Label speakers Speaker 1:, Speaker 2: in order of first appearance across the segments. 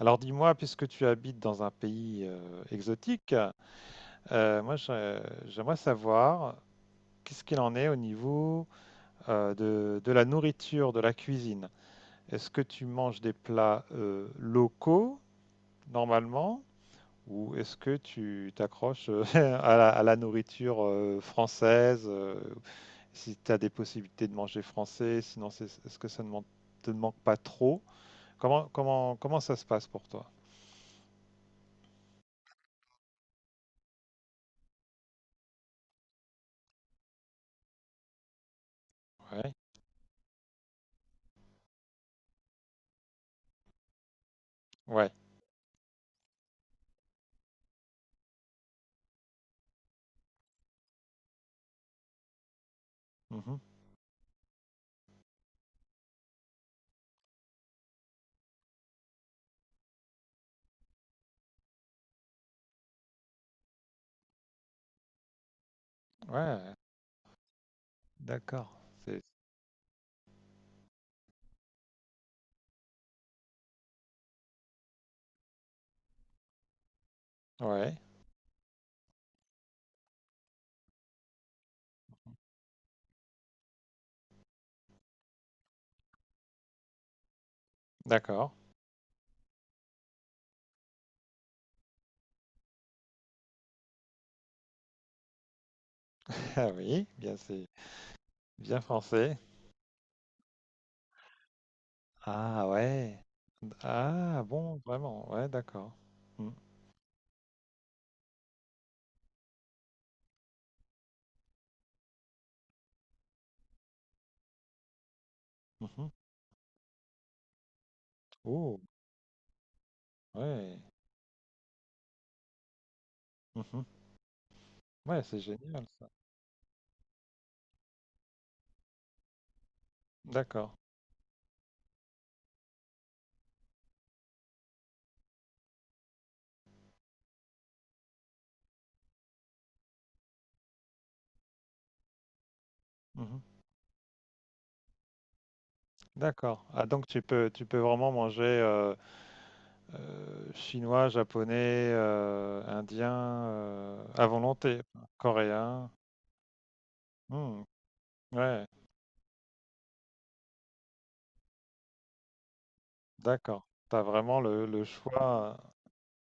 Speaker 1: Alors dis-moi, puisque tu habites dans un pays exotique, moi j'aimerais savoir qu'est-ce qu'il en est au niveau de la nourriture, de la cuisine. Est-ce que tu manges des plats locaux normalement ou est-ce que tu t'accroches à la nourriture française si tu as des possibilités de manger français, sinon est-ce que ça ne man- te manque pas trop? Comment ça se passe pour toi? Ouais. Ouais. Mhm. Ouais, d'accord. C'est Ouais, d'accord. Ah oui, bien c'est bien français. Ah ouais. Ah bon, vraiment. Ouais, d'accord. Mm, mhm. Oh, ouais. Mhm. Ouais, c'est génial ça. D'accord. Mhm. D'accord. Ah donc tu peux vraiment manger chinois, japonais, indien à volonté, enfin, coréen. Hmm, ouais, d'accord. T'as vraiment le choix.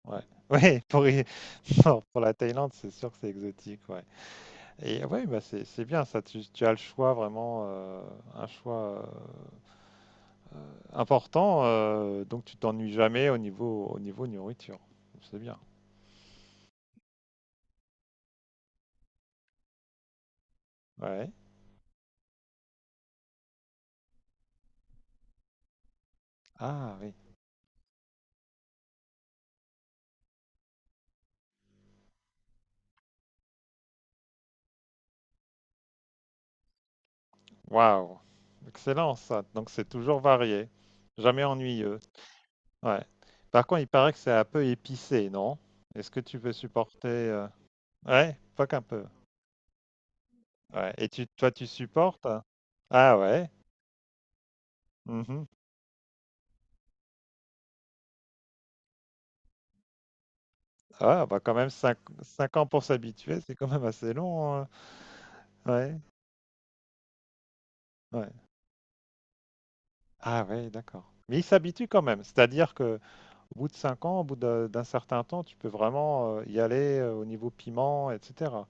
Speaker 1: Ouais, ouais, pour la Thaïlande, c'est sûr que c'est exotique, ouais. Et ouais, bah c'est bien ça, tu as le choix vraiment, un choix important, donc tu t'ennuies jamais au niveau nourriture. C'est bien. Ouais. Ah oui. Waouh. Excellent ça. Donc c'est toujours varié, jamais ennuyeux. Ouais. Par contre, il paraît que c'est un peu épicé, non? Est-ce que tu peux supporter, Ouais, pas qu'un peu. Ouais. Et toi, tu supportes, hein? Ah ouais. Mmh. Ah bah, quand même cinq 5 ans pour s'habituer, c'est quand même assez long, hein. Ouais, ouais. Ah ouais, d'accord. Mais ils s'habituent quand même, c'est-à-dire que au bout de 5 ans, au bout de d'un certain temps, tu peux vraiment, y aller, au niveau piment et cetera?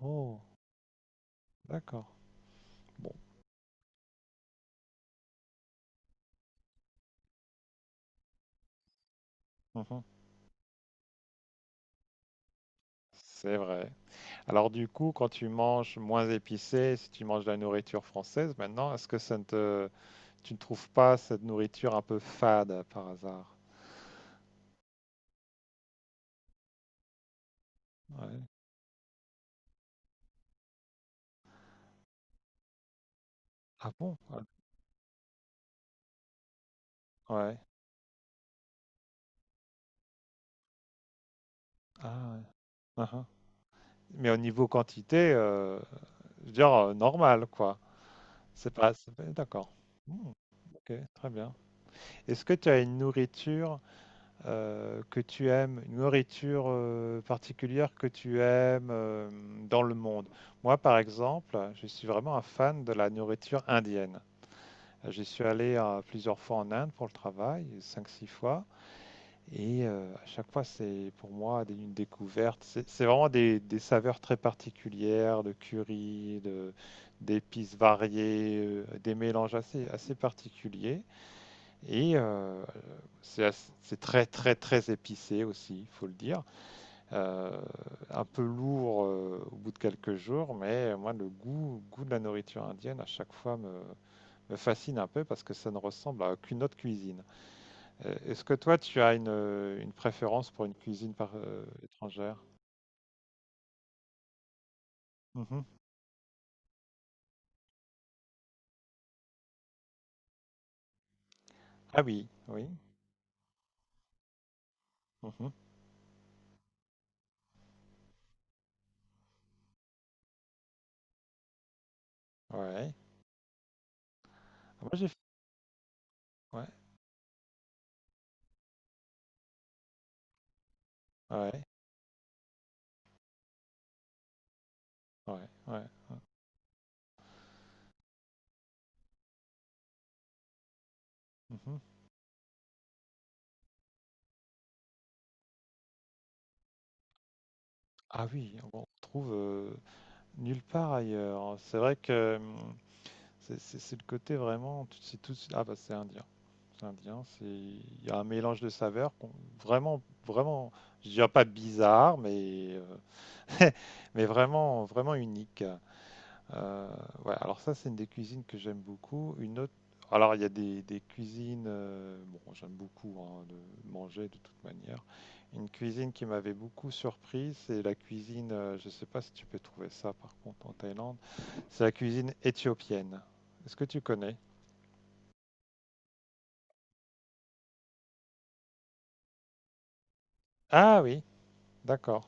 Speaker 1: Oh, d'accord. Bon. Mmh. C'est vrai. Alors du coup, quand tu manges moins épicé, si tu manges de la nourriture française maintenant, est-ce que ça ne te tu ne trouves pas cette nourriture un peu fade, par hasard? Ouais. Ah bon? Ouais. Ouais. Ah ouais. Mmh. Mais au niveau quantité, je veux dire, normal, quoi. C'est pas- D'accord. Hmm, ok, très bien. Est-ce que tu as une nourriture que tu aimes, une nourriture particulière que tu aimes dans le monde? Moi, par exemple, je suis vraiment un fan de la nourriture indienne. J'y suis allé plusieurs fois en Inde pour le travail, cinq, six fois. Et à chaque fois, c'est pour moi une découverte. C'est vraiment des saveurs très particulières, de curry, d'épices variées, des mélanges assez particuliers. Et c'est très, très, très épicé aussi, il faut le dire. Euh, un peu lourd au bout de quelques jours, mais moi, le goût de la nourriture indienne, à chaque fois, me fascine un peu parce que ça ne ressemble à aucune autre cuisine. Est-ce que toi, tu as une préférence pour une cuisine étrangère? Mhm. Ah oui, oui. Mhm, ouais. Ah, moi, j'ai fait. Ouais, ouais, ouais, ouais. Ouais, mhm. Ah oui, on trouve nulle part ailleurs, hein. C'est vrai que c'est le côté vraiment. C'est tout. Ah bah c'est indien, c'est indien. C'est il y a un mélange de saveurs vraiment, vraiment. Je dirais pas bizarre, mais mais vraiment, vraiment unique. Euh, ouais, alors ça, c'est une des cuisines que j'aime beaucoup. Une autre, alors il y a des cuisines, bon, j'aime beaucoup hein, de manger de toute manière. Une cuisine qui m'avait beaucoup surpris, c'est la cuisine, je sais pas si tu peux trouver ça par contre en Thaïlande, c'est la cuisine éthiopienne. Est-ce que tu connais? Ah oui, d'accord.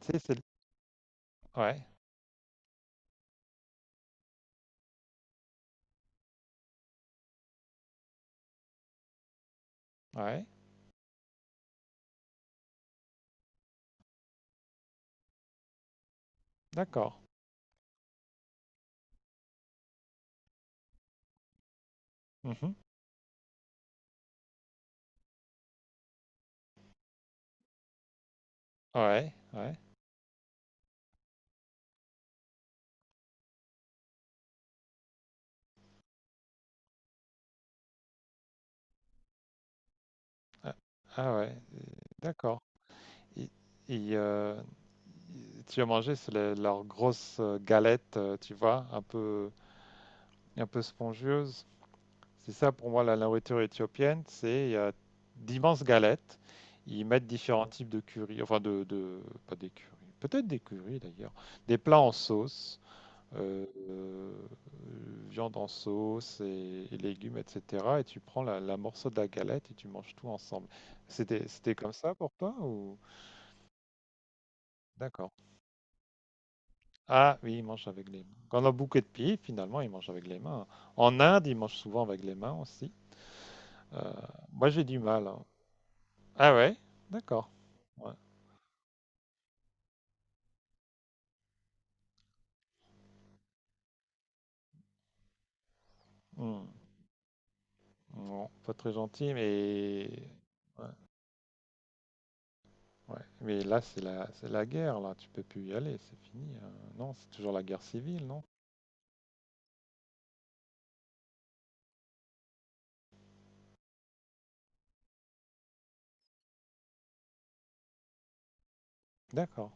Speaker 1: C'est, c'est... Ouais, ouais, d'accord. Mhm. Ouais, ouais. Ah ah ouais, d'accord. Et, et, euh, tu as mangé, c'est leur grosse galette, tu vois, un peu, spongieuse. C'est ça pour moi la nourriture éthiopienne, c'est il y d'immenses galettes. Ils mettent différents types de curry, enfin pas des curry, peut-être des curry d'ailleurs, des plats en sauce, euh, euh, viande en sauce et légumes, etc. Et tu prends la morceau de la galette et tu manges tout ensemble. C'était comme ça pour toi ou? D'accord. Ah oui, ils mangent avec les mains. Quand on a beaucoup de pieds, finalement, ils mangent avec les mains. En Inde, ils mangent souvent avec les mains aussi. Euh, moi, j'ai du mal, hein. Ah ouais? D'accord. Ouais. Hmm. Non, pas très gentil, mais. Ouais, ouais. Mais là, c'est la guerre, là. Tu peux plus y aller, c'est fini. Non, c'est toujours la guerre civile, non? D'accord.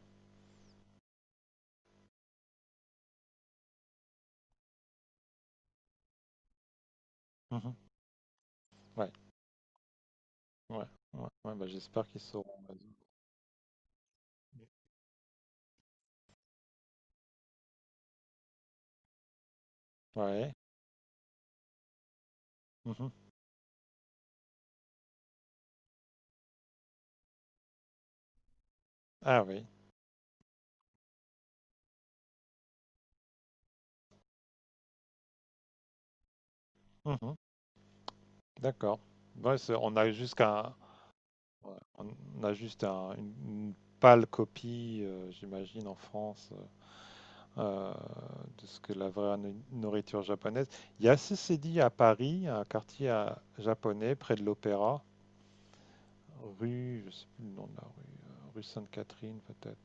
Speaker 1: Mhm. Ouais, ouais, ouais, ouais, bah, j'espère qu'ils sauront résoudre. Ouais. Mhm. Ah oui. Mhm. D'accord. Ouais, c'est- on a jusqu'à. Ouais, on a juste une pâle copie, j'imagine, en France, euh, de ce que la vraie nourriture japonaise. Il y a ceci dit à Paris, un quartier japonais près de l'Opéra, rue, je sais plus le nom de la rue, rue Sainte-Catherine peut-être.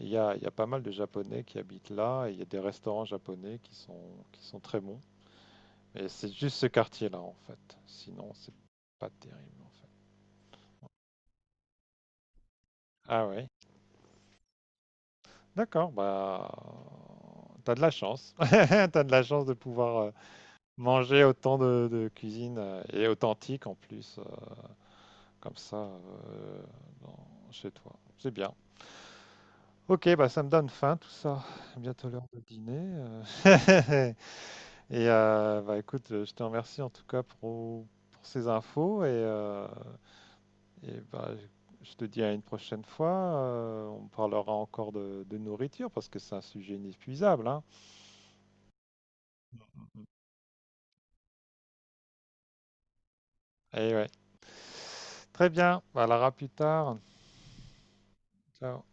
Speaker 1: Il y a pas mal de Japonais qui habitent là, et il y a des restaurants japonais qui sont très bons. Et c'est juste ce quartier-là, en fait. Sinon, c'est pas terrible, en fait. Ah ouais. D'accord, bah, t'as de la chance. T'as de la chance de pouvoir manger autant de cuisine et authentique en plus, comme ça, chez toi. C'est bien. Ok, bah ça me donne faim tout ça. Bientôt l'heure de dîner. Et bah écoute, je te remercie en tout cas pour ces infos et bah, je te dis à une prochaine fois. On parlera encore de nourriture parce que c'est un sujet inépuisable, hein. Et ouais. Très bien, bah, à la plus tard. Ciao.